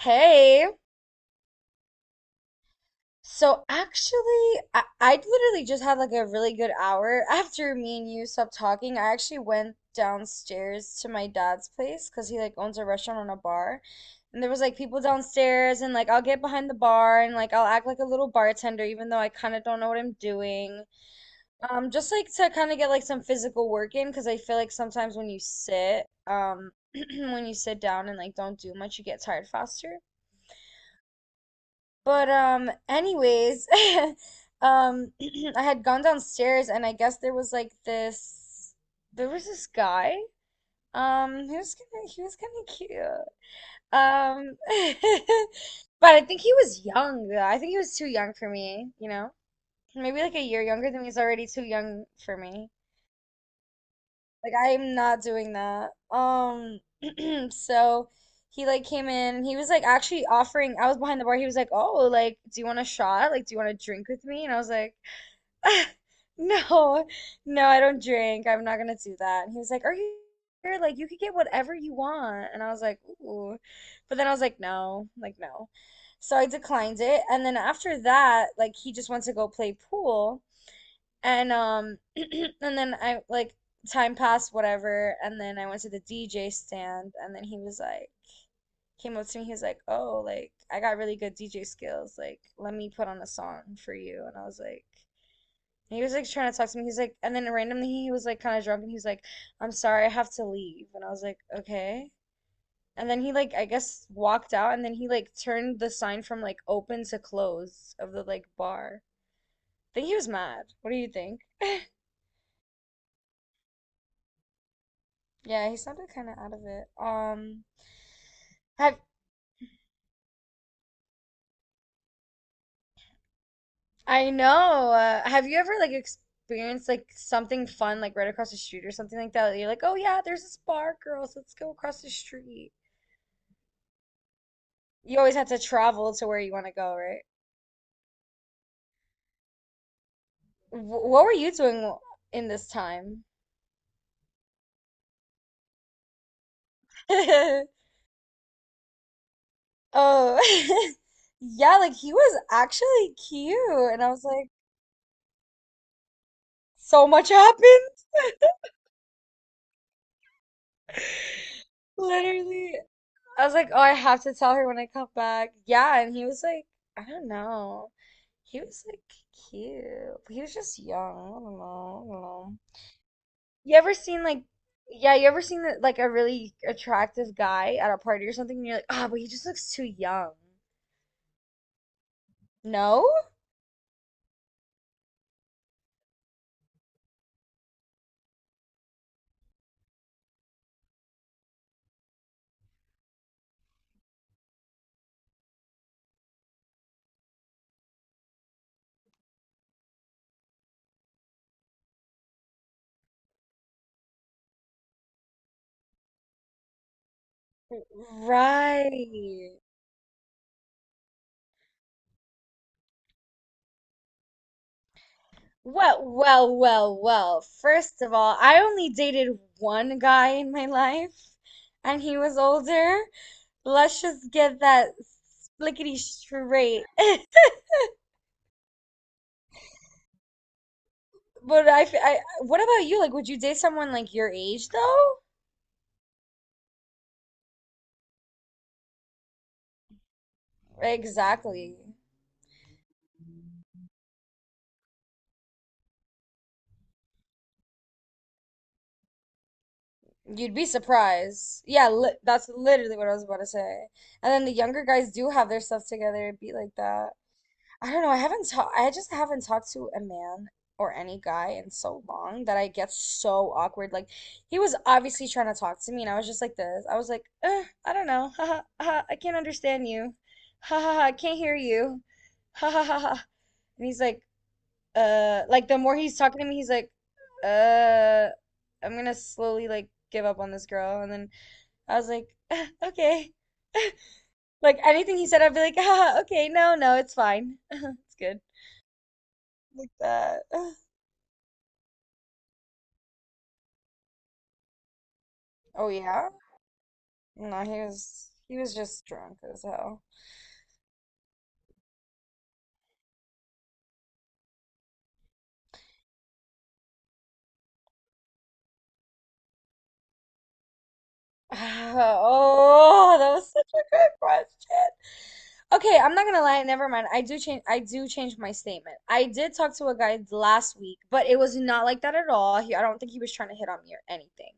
Hey, so actually, I literally just had like a really good hour after me and you stopped talking. I actually went downstairs to my dad's place because he like owns a restaurant and a bar. And there was like people downstairs, and like I'll get behind the bar and like I'll act like a little bartender, even though I kind of don't know what I'm doing. Just like to kind of get like some physical work in because I feel like sometimes when you sit, when you sit down and like don't do much, you get tired faster. But anyways, um I had gone downstairs and I guess there was like this guy. He was kind of cute. Um but I think he was young though. I think he was too young for me, you know? Maybe like a year younger than me is already too young for me. Like I'm not doing that. So he like came in and he was like actually offering, I was behind the bar. He was like, "Oh, like do you want a shot? Like do you want to drink with me?" And I was like, "No. No, I don't drink. I'm not gonna do that." And he was like, "Are you here? Like you could get whatever you want." And I was like, "Ooh." But then I was like, "No. Like no." So I declined it. And then after that, like he just went to go play pool. And and then I like time passed, whatever, and then I went to the DJ stand and then he was like came up to me, he was like, oh, like I got really good DJ skills, like let me put on a song for you and I was like and he was like trying to talk to me. He's like and then randomly he was like kinda drunk and he was like, I'm sorry, I have to leave and I was like, okay. And then he like I guess walked out and then he like turned the sign from like open to close of the like bar. I think he was mad. What do you think? Yeah, he sounded kind of out of it. Have I know. Have you ever like experienced like something fun like right across the street or something like that? You're like, oh yeah, there's this bar, girls. Let's go across the street. You always have to travel to where you want to go, right? Wh What were you doing in this time? Oh, yeah, like he was actually cute, and I was like, so much happened, literally. I was like, oh, I have to tell her when I come back. Yeah, and he was like, I don't know. He was like cute. He was just young. I don't know. I don't know. You ever seen like, yeah, you ever seen that like a really attractive guy at a party or something, and you're like, ah, but he just looks too young. No? Right. Well, well, well, well. First of all, I only dated one guy in my life, and he was older. Let's just get that splickety straight. But what about you? Like, would you date someone like your age though? Exactly. You'd be surprised. Yeah, li that's literally what I was about to say. And then the younger guys do have their stuff together. It'd be like that. I don't know. I just haven't talked to a man or any guy in so long that I get so awkward. Like he was obviously trying to talk to me, and I was just like this. I was like, eh, I don't know. Ha ha ha! I can't understand you. Ha ha ha! I can't hear you. Ha ha ha ha! And he's like the more he's talking to me, he's like, uh, I'm gonna slowly like give up on this girl. And then I was like, "Eh, okay. Like anything he said, I'd be like, ha ha, okay, no, no, it's fine." It's good like that. Oh yeah? No, he was just drunk as hell. Oh, that was such a good question. Okay, I'm not gonna lie, never mind. I do change my statement. I did talk to a guy last week, but it was not like that at all. He, I don't think he was trying to hit on me or anything.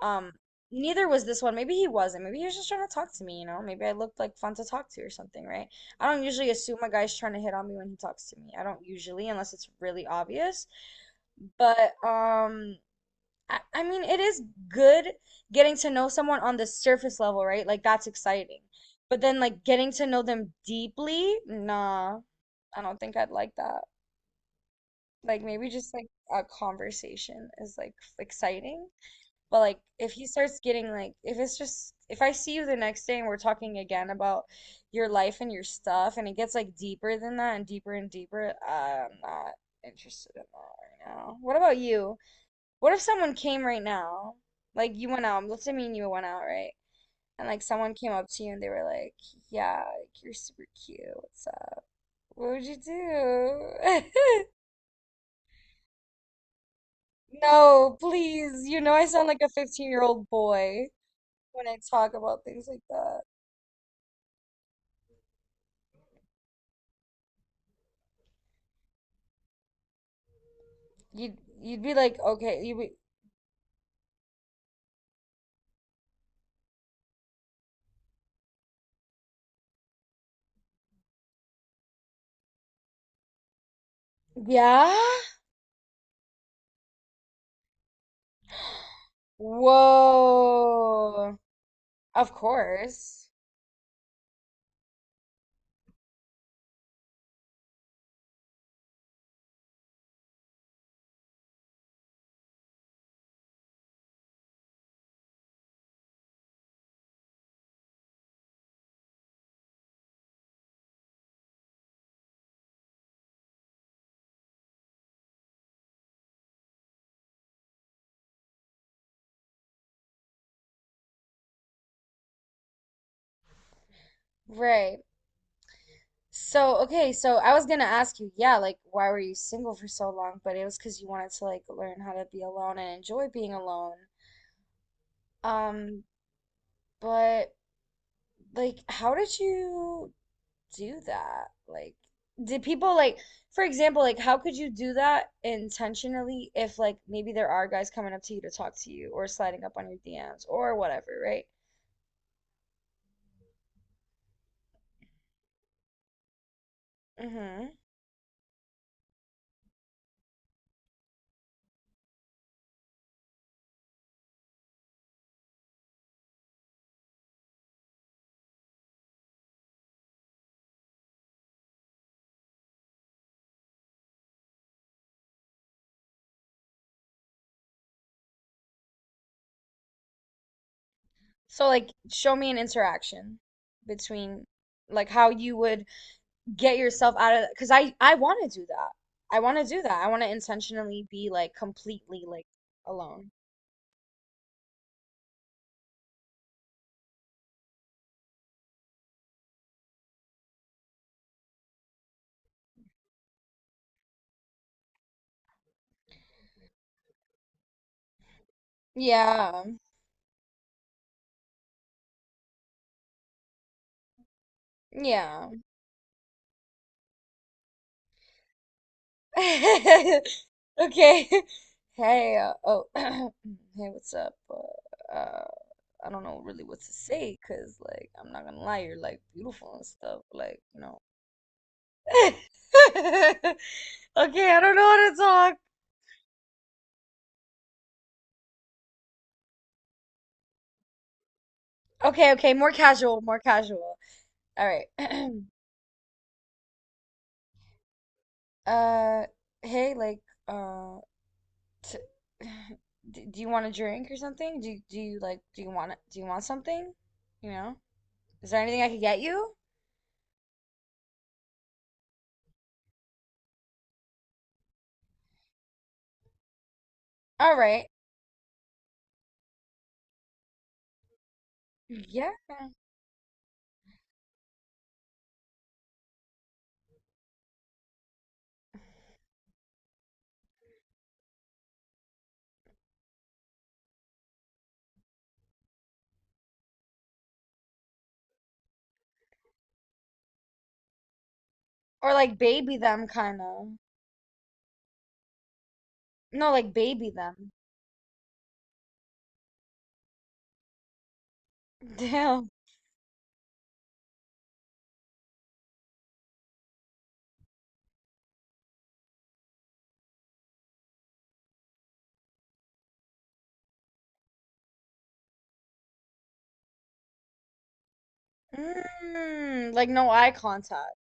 Um, neither was this one. Maybe he wasn't. Maybe he was just trying to talk to me, you know? Maybe I looked like fun to talk to or something, right? I don't usually assume a guy's trying to hit on me when he talks to me. I don't usually, unless it's really obvious. But I mean, it is good getting to know someone on the surface level, right? Like that's exciting. But then like getting to know them deeply, nah, I don't think I'd like that. Like maybe just like a conversation is like exciting. But like if he starts getting like if it's just if I see you the next day and we're talking again about your life and your stuff and it gets like deeper than that and deeper, I'm not interested in that right now. What about you? What if someone came right now? Like you went out, let's say me and you went out, right? And like someone came up to you and they were like, yeah, like you're super cute. What's up? What would you do? No, please. You know I sound like a 15-year-old boy when I talk about things like that. You'd be like, okay, you be yeah? Whoa. Of course. Right. So, okay, so I was gonna ask you, yeah, like why were you single for so long? But it was because you wanted to like learn how to be alone and enjoy being alone. Um, but like how did you do that? Like did people like for example, like how could you do that intentionally if like maybe there are guys coming up to you to talk to you or sliding up on your DMs or whatever, right? Mm-hmm. So like show me an interaction between like how you would get yourself out of because I want to do that. I want to do that. I want to intentionally be like completely like alone. Yeah. Yeah. Okay. Hey, oh, hey, what's up? I don't know really what to say because, like, I'm not gonna lie, you're like beautiful and stuff. Like, you know. Okay, I don't know how to talk. Okay, okay, more casual, more casual. All right. Uh, Hey, like, um. t- do you want a drink or something? Do you like do you want something? You know? Is there anything I could get you? All right. Yeah. Or like baby them kind of. No, like baby them. Damn. Mm, like no eye contact.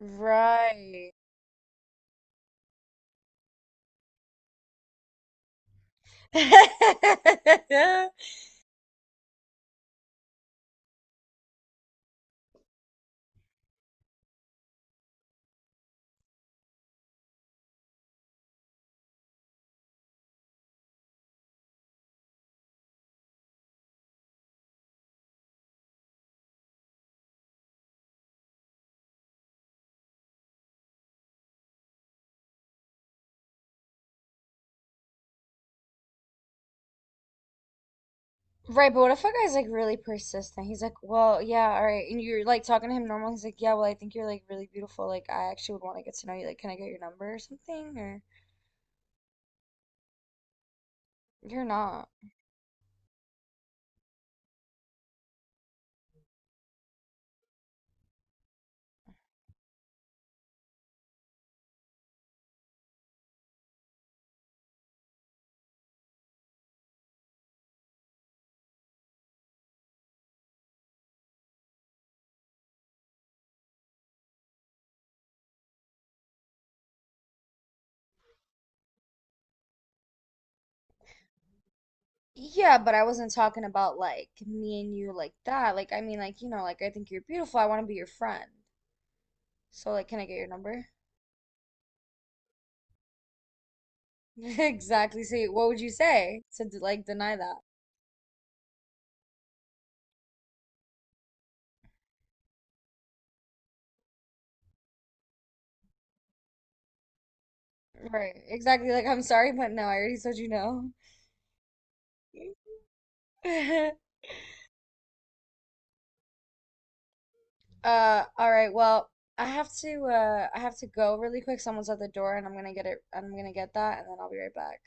Right. Right, but what if a guy's like really persistent? He's like, well, yeah, all right. And you're like talking to him normal. He's like, yeah, well, I think you're like really beautiful. Like, I actually would want to get to know you. Like, can I get your number or something? Or you're not. Yeah, but I wasn't talking about like me and you like that. Like, I mean, like, you know, like, I think you're beautiful. I want to be your friend. So, like, can I get your number? Exactly. See, what would you say to like deny that? Right. Exactly. Like, I'm sorry, but no, I already told you no. All right. Well, I have to go really quick. Someone's at the door and I'm gonna get that and then I'll be right back.